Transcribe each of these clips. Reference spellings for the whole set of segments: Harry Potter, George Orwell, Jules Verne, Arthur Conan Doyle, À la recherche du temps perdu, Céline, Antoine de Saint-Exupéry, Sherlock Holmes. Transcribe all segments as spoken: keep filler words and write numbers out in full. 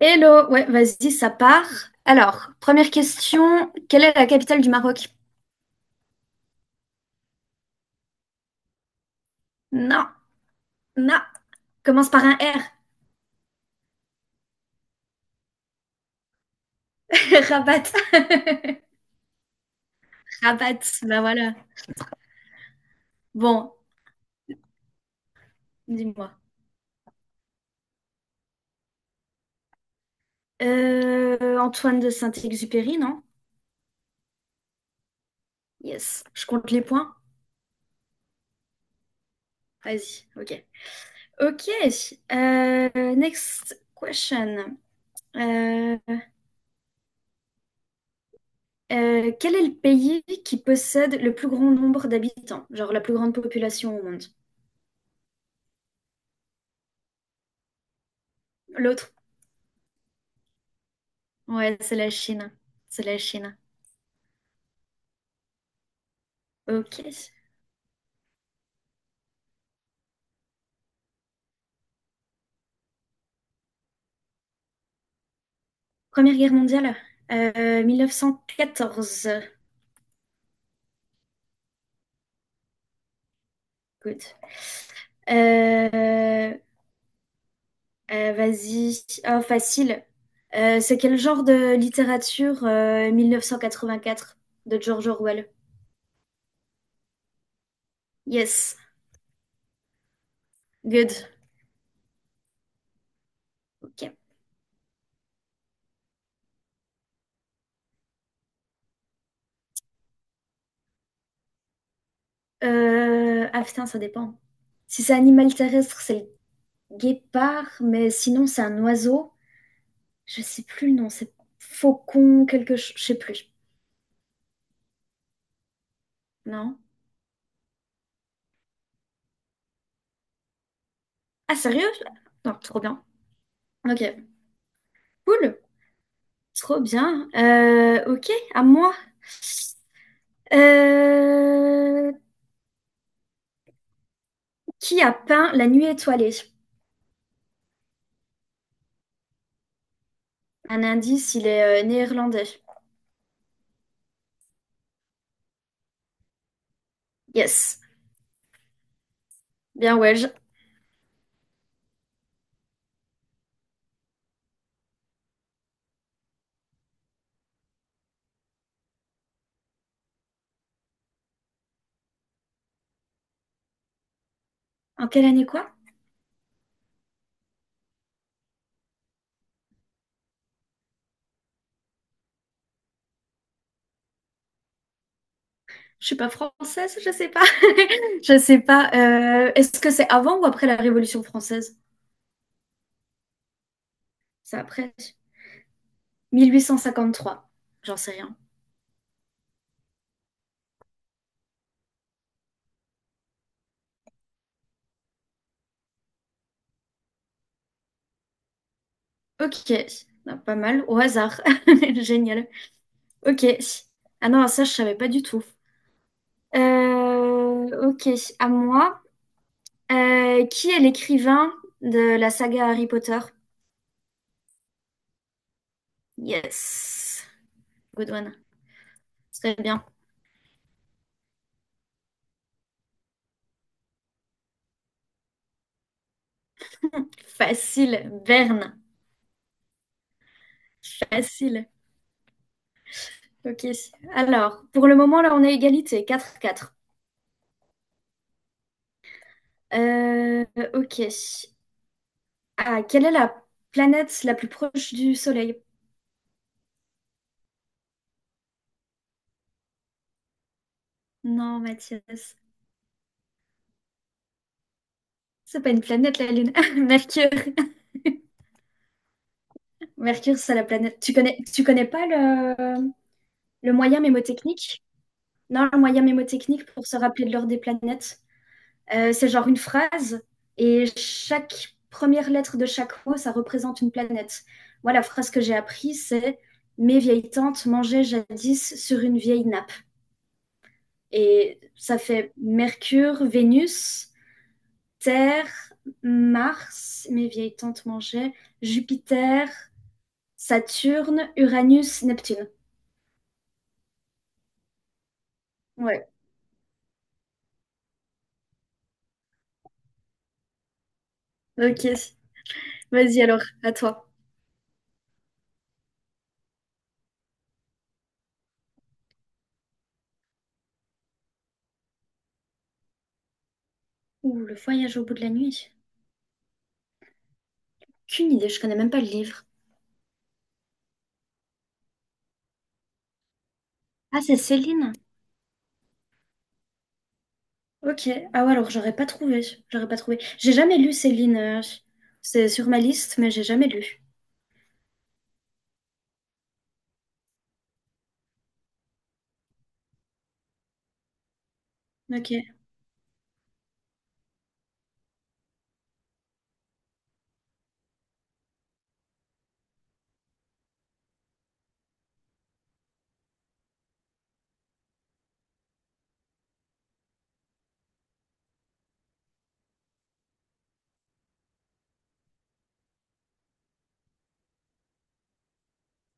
Hello, ouais, vas-y, ça part. Alors, première question, quelle est la capitale du Maroc? Non, non, commence par un R. Rabat. Rabat, bah voilà. Bon, dis-moi. Euh, Antoine de Saint-Exupéry, non? Yes, je compte les points. Vas-y, ok. Ok, euh, next question. Euh, euh, quel est le pays qui possède le plus grand nombre d'habitants? Genre la plus grande population au monde? L'autre. Ouais, c'est la Chine. C'est la Chine. Ok. Première guerre mondiale, euh, mille neuf cent quatorze. Good. Euh, euh, vas-y. Oh, facile. Euh, c'est quel genre de littérature euh, mille neuf cent quatre-vingt-quatre de George Orwell? Yes. Good. Ok. Euh, ah putain, ça dépend. Si c'est animal terrestre, c'est le guépard, mais sinon c'est un oiseau. Je sais plus le nom, c'est faucon, quelque chose. Je sais plus. Non? Ah, sérieux? Non, trop bien. Ok, cool. Trop bien. Euh, ok, à moi. Euh, qui a peint La Nuit étoilée? Un indice, il est euh, néerlandais. Yes, bien Welsh. En quelle année quoi? Je suis pas française, je sais pas. Je sais pas. Euh, est-ce que c'est avant ou après la Révolution française? C'est après. mille huit cent cinquante-trois. J'en sais rien. Ok, ah, pas mal. Au hasard. Génial. Ok. Ah non, ça, je savais pas du tout. Euh, ok, à moi. Euh, qui est l'écrivain de la saga Harry Potter? Yes, good one. Très bien. Facile, Verne. Facile. Ok. Alors, pour le moment, là, on est égalité, quatre quatre. Euh, ok. Ah, quelle est la planète la plus proche du Soleil? Non, Mathias. C'est pas une planète, la Lune. Mercure. Mercure, c'est la planète. Tu connais, tu connais pas le, le moyen mnémotechnique? Non, un moyen mémotechnique pour se rappeler de l'heure des planètes. Euh, c'est genre une phrase et chaque première lettre de chaque mot, ça représente une planète. Moi, la phrase que j'ai apprise, c'est Mes vieilles tantes mangeaient jadis sur une vieille nappe. Et ça fait Mercure, Vénus, Terre, Mars, mes vieilles tantes mangeaient, Jupiter, Saturne, Uranus, Neptune. Ouais, ok. Vas-y alors, à toi. Ouh, le voyage au bout de la nuit. Aucune idée, je connais même pas le livre. Ah, c'est Céline. Ok. Ah ouais, alors j'aurais pas trouvé. J'aurais pas trouvé. J'ai jamais lu Céline. euh, C'est sur ma liste, mais j'ai jamais lu. Ok.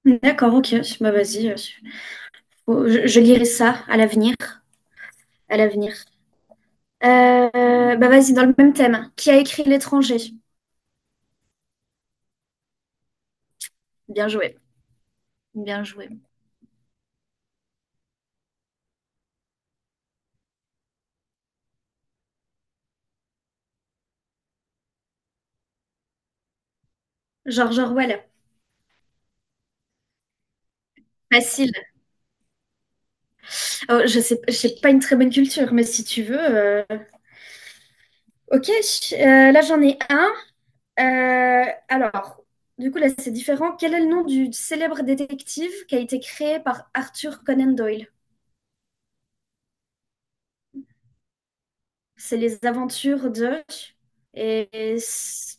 D'accord, ok. Bah vas-y. euh, faut- Je, je lirai ça à l'avenir. À l'avenir. Euh, bah vas-y, dans le même thème. Qui a écrit L'étranger? Bien joué. Bien joué. George Orwell. Facile. Oh, je sais, j'ai pas une très bonne culture, mais si tu veux. euh, Ok. Euh, là, j'en ai un. Euh, alors, du coup, là, c'est différent. Quel est le nom du célèbre détective qui a été créé par Arthur Conan Doyle? C'est les aventures de... Et... et c-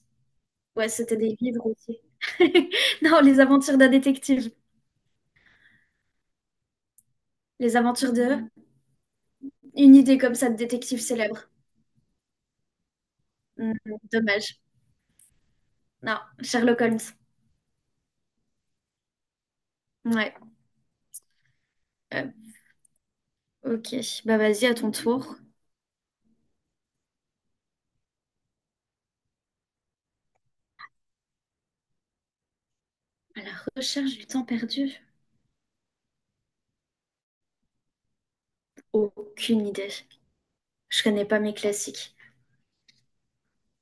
Ouais, c'était des livres aussi. Non, les aventures d'un détective. Les aventures de... Une idée comme ça de détective célèbre. Hmm, dommage. Non, Sherlock Holmes. Ouais. Euh, ok, bah vas-y, à ton tour. À la recherche du temps perdu? Aucune idée. Je connais pas mes classiques.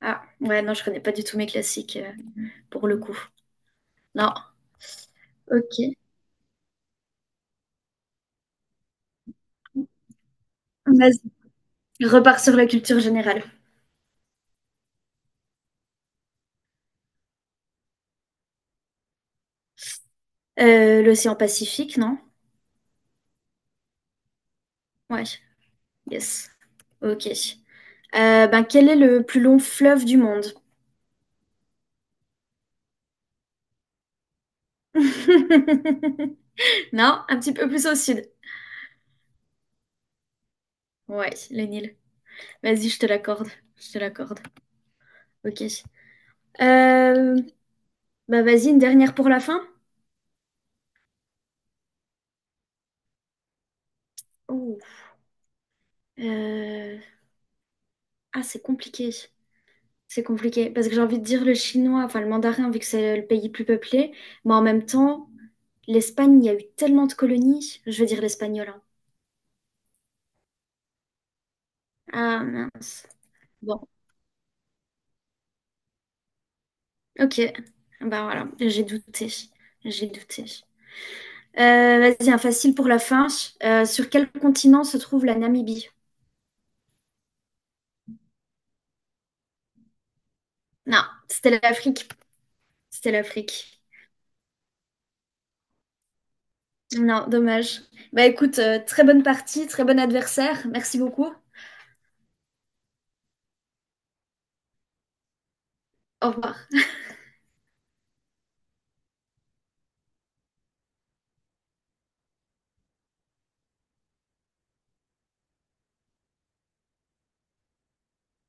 Ah, ouais, non, je connais pas du tout mes classiques euh, pour le coup. Non, ok. Vas-y. Je repars sur la culture générale. Euh, l'océan Pacifique, non? Ouais, yes. Ok. Euh, ben, quel est le plus long fleuve du monde? Non, un petit peu plus au sud. Ouais, le Nil. Vas-y, je te l'accorde. Je te l'accorde. Ok. Euh, bah vas-y, une dernière pour la fin. Oh. Euh, ah, c'est compliqué. C'est compliqué parce que j'ai envie de dire le chinois, enfin le mandarin, vu que c'est le pays plus peuplé, mais en même temps, l'Espagne, il y a eu tellement de colonies, je veux dire l'espagnol. Hein. Ah mince. Bon, ok. Bah voilà, j'ai douté. J'ai douté. Euh, vas-y, un facile pour la fin. Euh, sur quel continent se trouve la Namibie? Non, c'était l'Afrique. C'était l'Afrique. Non, dommage. Bah écoute, euh, très bonne partie, très bon adversaire. Merci beaucoup. Au revoir.